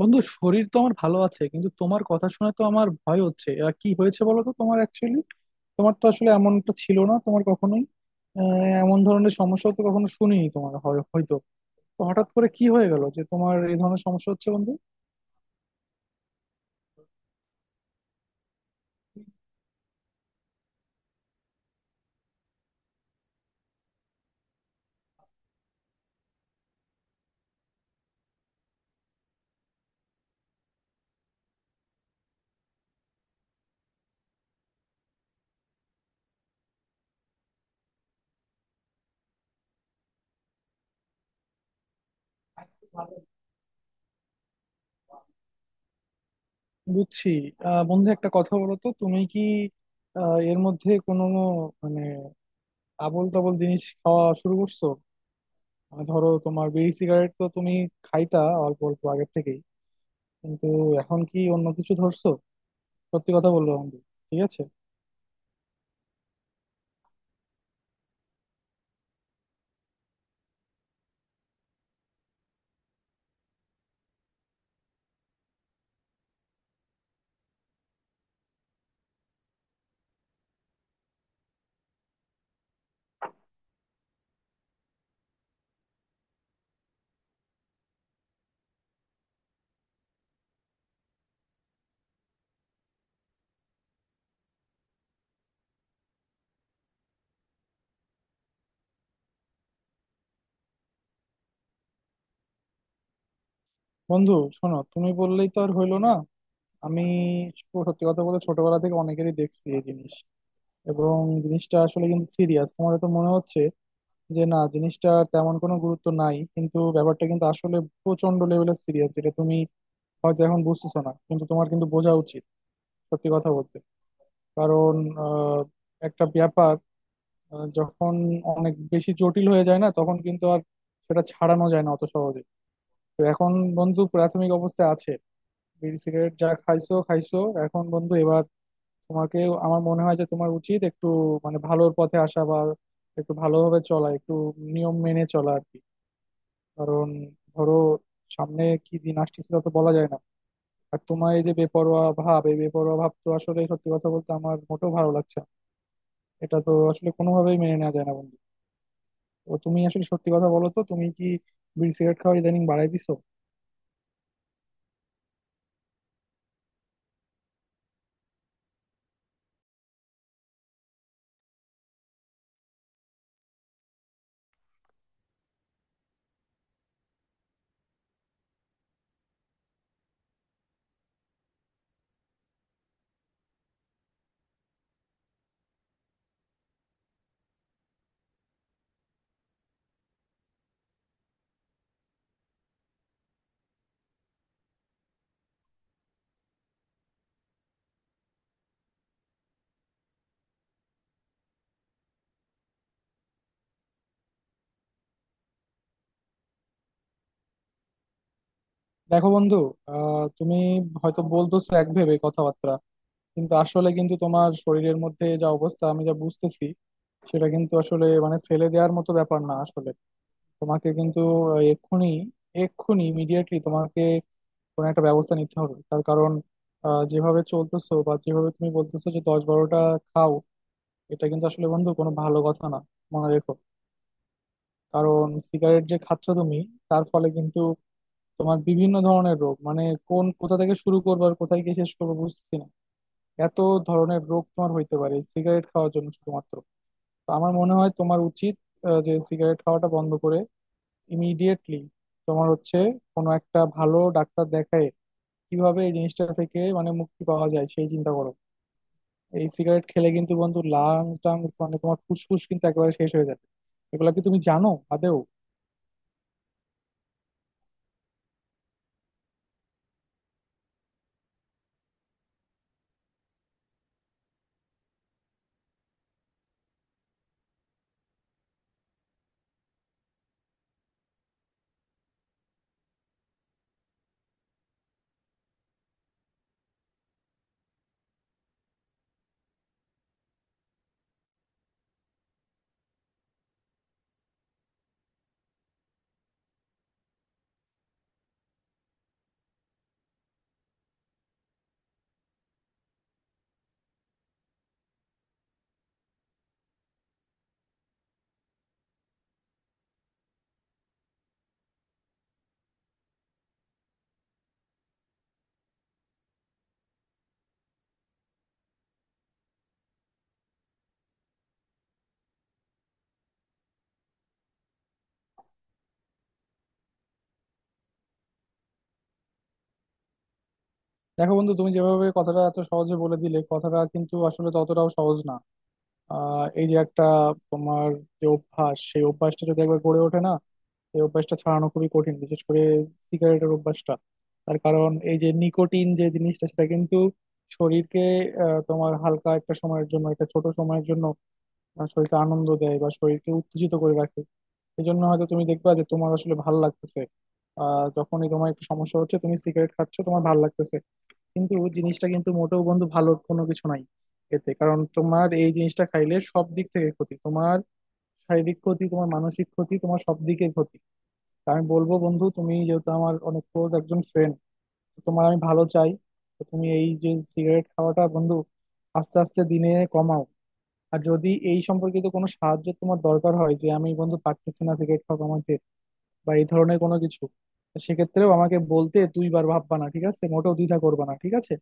বন্ধু, শরীর তো আমার ভালো আছে, কিন্তু তোমার কথা শুনে তো আমার ভয় হচ্ছে। কি হয়েছে বলো তো তোমার, অ্যাকচুয়ালি তোমার তো আসলে এমনটা ছিল না তোমার কখনোই। আহ, এমন ধরনের সমস্যা তো কখনো শুনিনি তোমার, হয়তো। তো হঠাৎ করে কি হয়ে গেল যে তোমার এই ধরনের সমস্যা হচ্ছে বন্ধু? বুঝছি। বন্ধু একটা কথা বলো তো, তুমি কি এর মধ্যে কোনো মানে আবোল তাবোল জিনিস খাওয়া শুরু করছো? মানে ধরো, তোমার বিড়ি সিগারেট তো তুমি খাইতা অল্প অল্প আগের থেকে, কিন্তু এখন কি অন্য কিছু ধরছো? সত্যি কথা বললো বন্ধু। ঠিক আছে। বন্ধু শোনো, তুমি বললেই তো আর হইলো না। আমি সত্যি কথা বলতে ছোটবেলা থেকে অনেকেরই দেখছি এই জিনিস, এবং জিনিসটা আসলে কিন্তু সিরিয়াস। তোমার তো মনে হচ্ছে যে না, জিনিসটা তেমন কোনো গুরুত্ব নাই, কিন্তু ব্যাপারটা কিন্তু আসলে প্রচন্ড লেভেলের সিরিয়াস, যেটা তুমি হয়তো এখন বুঝতেছো না, কিন্তু তোমার কিন্তু বোঝা উচিত সত্যি কথা বলতে। কারণ আহ, একটা ব্যাপার যখন অনেক বেশি জটিল হয়ে যায় না, তখন কিন্তু আর সেটা ছাড়ানো যায় না অত সহজে। তো এখন বন্ধু প্রাথমিক অবস্থায় আছে, বিড়ি সিগারেট যা খাইছো খাইছো, এখন বন্ধু এবার তোমাকে আমার মনে হয় যে তোমার উচিত একটু মানে ভালোর পথে আসা, বা একটু ভালোভাবে চলা, একটু নিয়ম মেনে চলা আর কি। কারণ ধরো, সামনে কি দিন আসতেছে তা তো বলা যায় না। আর তোমার এই যে বেপরোয়া ভাব, এই বেপরোয়া ভাব তো আসলে সত্যি কথা বলতে আমার মোটেও ভালো লাগছে না। এটা তো আসলে কোনোভাবেই মেনে নেওয়া যায় না বন্ধু। তো তুমি আসলে সত্যি কথা বলো তো, তুমি কি বিড়ি সিগারেট খাওয়া ইদানিং বাড়াই দিছো? দেখো বন্ধু, তুমি হয়তো বলতেছো এক ভেবে কথাবার্তা, কিন্তু আসলে কিন্তু তোমার শরীরের মধ্যে যা অবস্থা আমি যা বুঝতেছি, সেটা কিন্তু আসলে মানে ফেলে দেওয়ার মতো ব্যাপার না আসলে। তোমাকে কিন্তু এক্ষুনি এক্ষুনি ইমিডিয়েটলি তোমাকে কোনো একটা ব্যবস্থা নিতে হবে। তার কারণ যেভাবে চলতেছো বা যেভাবে তুমি বলতেছো যে 10-12টা খাও, এটা কিন্তু আসলে বন্ধু কোনো ভালো কথা না, মনে রেখো। কারণ সিগারেট যে খাচ্ছ তুমি, তার ফলে কিন্তু তোমার বিভিন্ন ধরনের রোগ মানে কোন কোথা থেকে শুরু করবো আর কোথায় গিয়ে শেষ করবো বুঝছি না। এত ধরনের রোগ তোমার হইতে পারে সিগারেট খাওয়ার জন্য শুধুমাত্র। তো আমার মনে হয় তোমার উচিত যে সিগারেট খাওয়াটা বন্ধ করে ইমিডিয়েটলি তোমার হচ্ছে কোনো একটা ভালো ডাক্তার দেখায় কিভাবে এই জিনিসটা থেকে মানে মুক্তি পাওয়া যায় সেই চিন্তা করো। এই সিগারেট খেলে কিন্তু বন্ধু লাংস টাংস মানে তোমার ফুসফুস কিন্তু একেবারে শেষ হয়ে যাবে। এগুলা কি তুমি জানো আদেও? দেখো বন্ধু, তুমি যেভাবে কথাটা এত সহজে বলে দিলে কথাটা কিন্তু আসলে ততটাও সহজ না। এই যে একটা তোমার যে অভ্যাস, সেই অভ্যাসটা যদি একবার গড়ে ওঠে না, এই অভ্যাসটা ছাড়ানো খুবই কঠিন, বিশেষ করে সিগারেটের অভ্যাসটা। তার কারণ এই যে নিকোটিন যে জিনিসটা, সেটা কিন্তু শরীরকে তোমার হালকা একটা সময়ের জন্য একটা ছোট সময়ের জন্য শরীরকে আনন্দ দেয় বা শরীরকে উত্তেজিত করে রাখে। এই জন্য হয়তো তুমি দেখবা যে তোমার আসলে ভাল লাগতেছে। যখনই তোমার একটু সমস্যা হচ্ছে তুমি সিগারেট খাচ্ছ তোমার ভাল লাগতেছে, কিন্তু জিনিসটা কিন্তু মোটেও বন্ধু ভালো কোনো কিছু নাই এতে। কারণ তোমার এই জিনিসটা খাইলে সব দিক থেকে ক্ষতি তোমার, শারীরিক ক্ষতি তোমার, মানসিক ক্ষতি, তোমার সব দিকের ক্ষতি। তা আমি বলবো বন্ধু, তুমি যেহেতু আমার অনেক ক্লোজ একজন ফ্রেন্ড, তোমার আমি ভালো চাই। তো তুমি এই যে সিগারেট খাওয়াটা বন্ধু আস্তে আস্তে দিনে কমাও। আর যদি এই সম্পর্কিত কোনো সাহায্য তোমার দরকার হয়, যে আমি বন্ধু পারতেছি না সিগারেট খাওয়া কমাইতে বা এই ধরনের কোনো কিছু, তো সেক্ষেত্রেও আমাকে বলতে দুইবার ভাববা না, ঠিক আছে? মোটেও দ্বিধা করবা না, ঠিক আছে?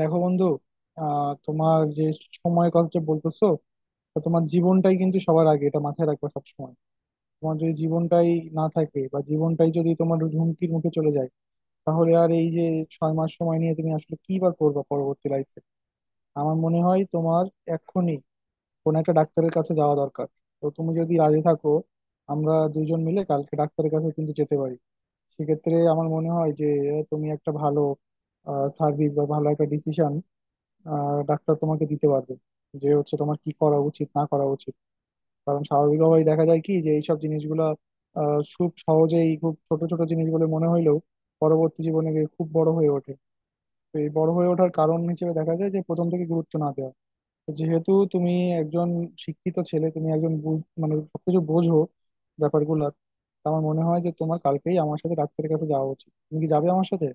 দেখো বন্ধু, তোমার যে সময়ের কথা যে বলতেছো, তো তোমার জীবনটাই কিন্তু সবার আগে, এটা মাথায় রাখবে সবসময়। তোমার যদি জীবনটাই না থাকে বা জীবনটাই যদি তোমার হুমকির মুখে চলে যায়, তাহলে আর এই যে 6 মাস সময় নিয়ে তুমি আসলে কি বা করবা পরবর্তী লাইফে? আমার মনে হয় তোমার এক্ষুনি কোনো একটা ডাক্তারের কাছে যাওয়া দরকার। তো তুমি যদি রাজি থাকো, আমরা দুজন মিলে কালকে ডাক্তারের কাছে কিন্তু যেতে পারি। সেক্ষেত্রে আমার মনে হয় যে তুমি একটা ভালো সার্ভিস বা ভালো একটা ডিসিশন আর ডাক্তার তোমাকে দিতে পারবে যে হচ্ছে তোমার কি করা উচিত না করা উচিত। কারণ স্বাভাবিকভাবেই দেখা যায় কি, যে এইসব জিনিসগুলা খুব সহজেই খুব ছোট ছোট জিনিসগুলো মনে হইলেও পরবর্তী জীবনে গিয়ে খুব বড় হয়ে ওঠে। তো এই বড় হয়ে ওঠার কারণ হিসেবে দেখা যায় যে প্রথম থেকে গুরুত্ব না দেওয়া। তো যেহেতু তুমি একজন শিক্ষিত ছেলে, তুমি একজন মানে সবকিছু বোঝো, ব্যাপারগুলো। আমার মনে হয় যে তোমার কালকেই আমার সাথে ডাক্তারের কাছে যাওয়া উচিত। তুমি কি যাবে আমার সাথে?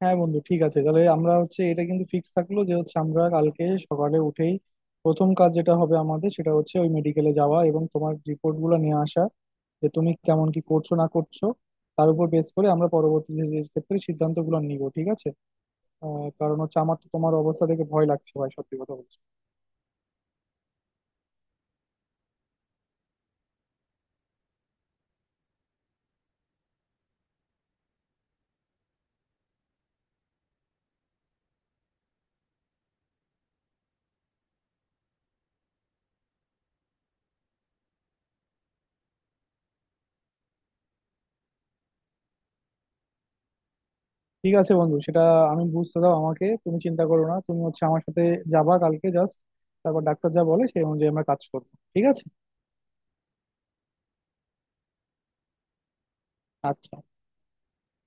হ্যাঁ বন্ধু ঠিক আছে, তাহলে আমরা হচ্ছে এটা কিন্তু ফিক্স থাকলো যে হচ্ছে আমরা কালকে সকালে উঠেই প্রথম কাজ যেটা হবে আমাদের সেটা হচ্ছে ওই মেডিকেলে যাওয়া এবং তোমার রিপোর্ট গুলো নিয়ে আসা যে তুমি কেমন কি করছো না করছো। তার উপর বেস করে আমরা পরবর্তী যে ক্ষেত্রে সিদ্ধান্ত গুলো নিব, ঠিক আছে? কারণ হচ্ছে আমার তো তোমার অবস্থা দেখে ভয় লাগছে ভাই, সত্যি কথা বলছি। ঠিক আছে বন্ধু, সেটা আমি বুঝতে দাও আমাকে, তুমি চিন্তা করো না, তুমি হচ্ছে আমার সাথে যাবা কালকে জাস্ট, তারপর ডাক্তার যা বলে সেই অনুযায়ী আমরা কাজ করবো, ঠিক আছে? আচ্ছা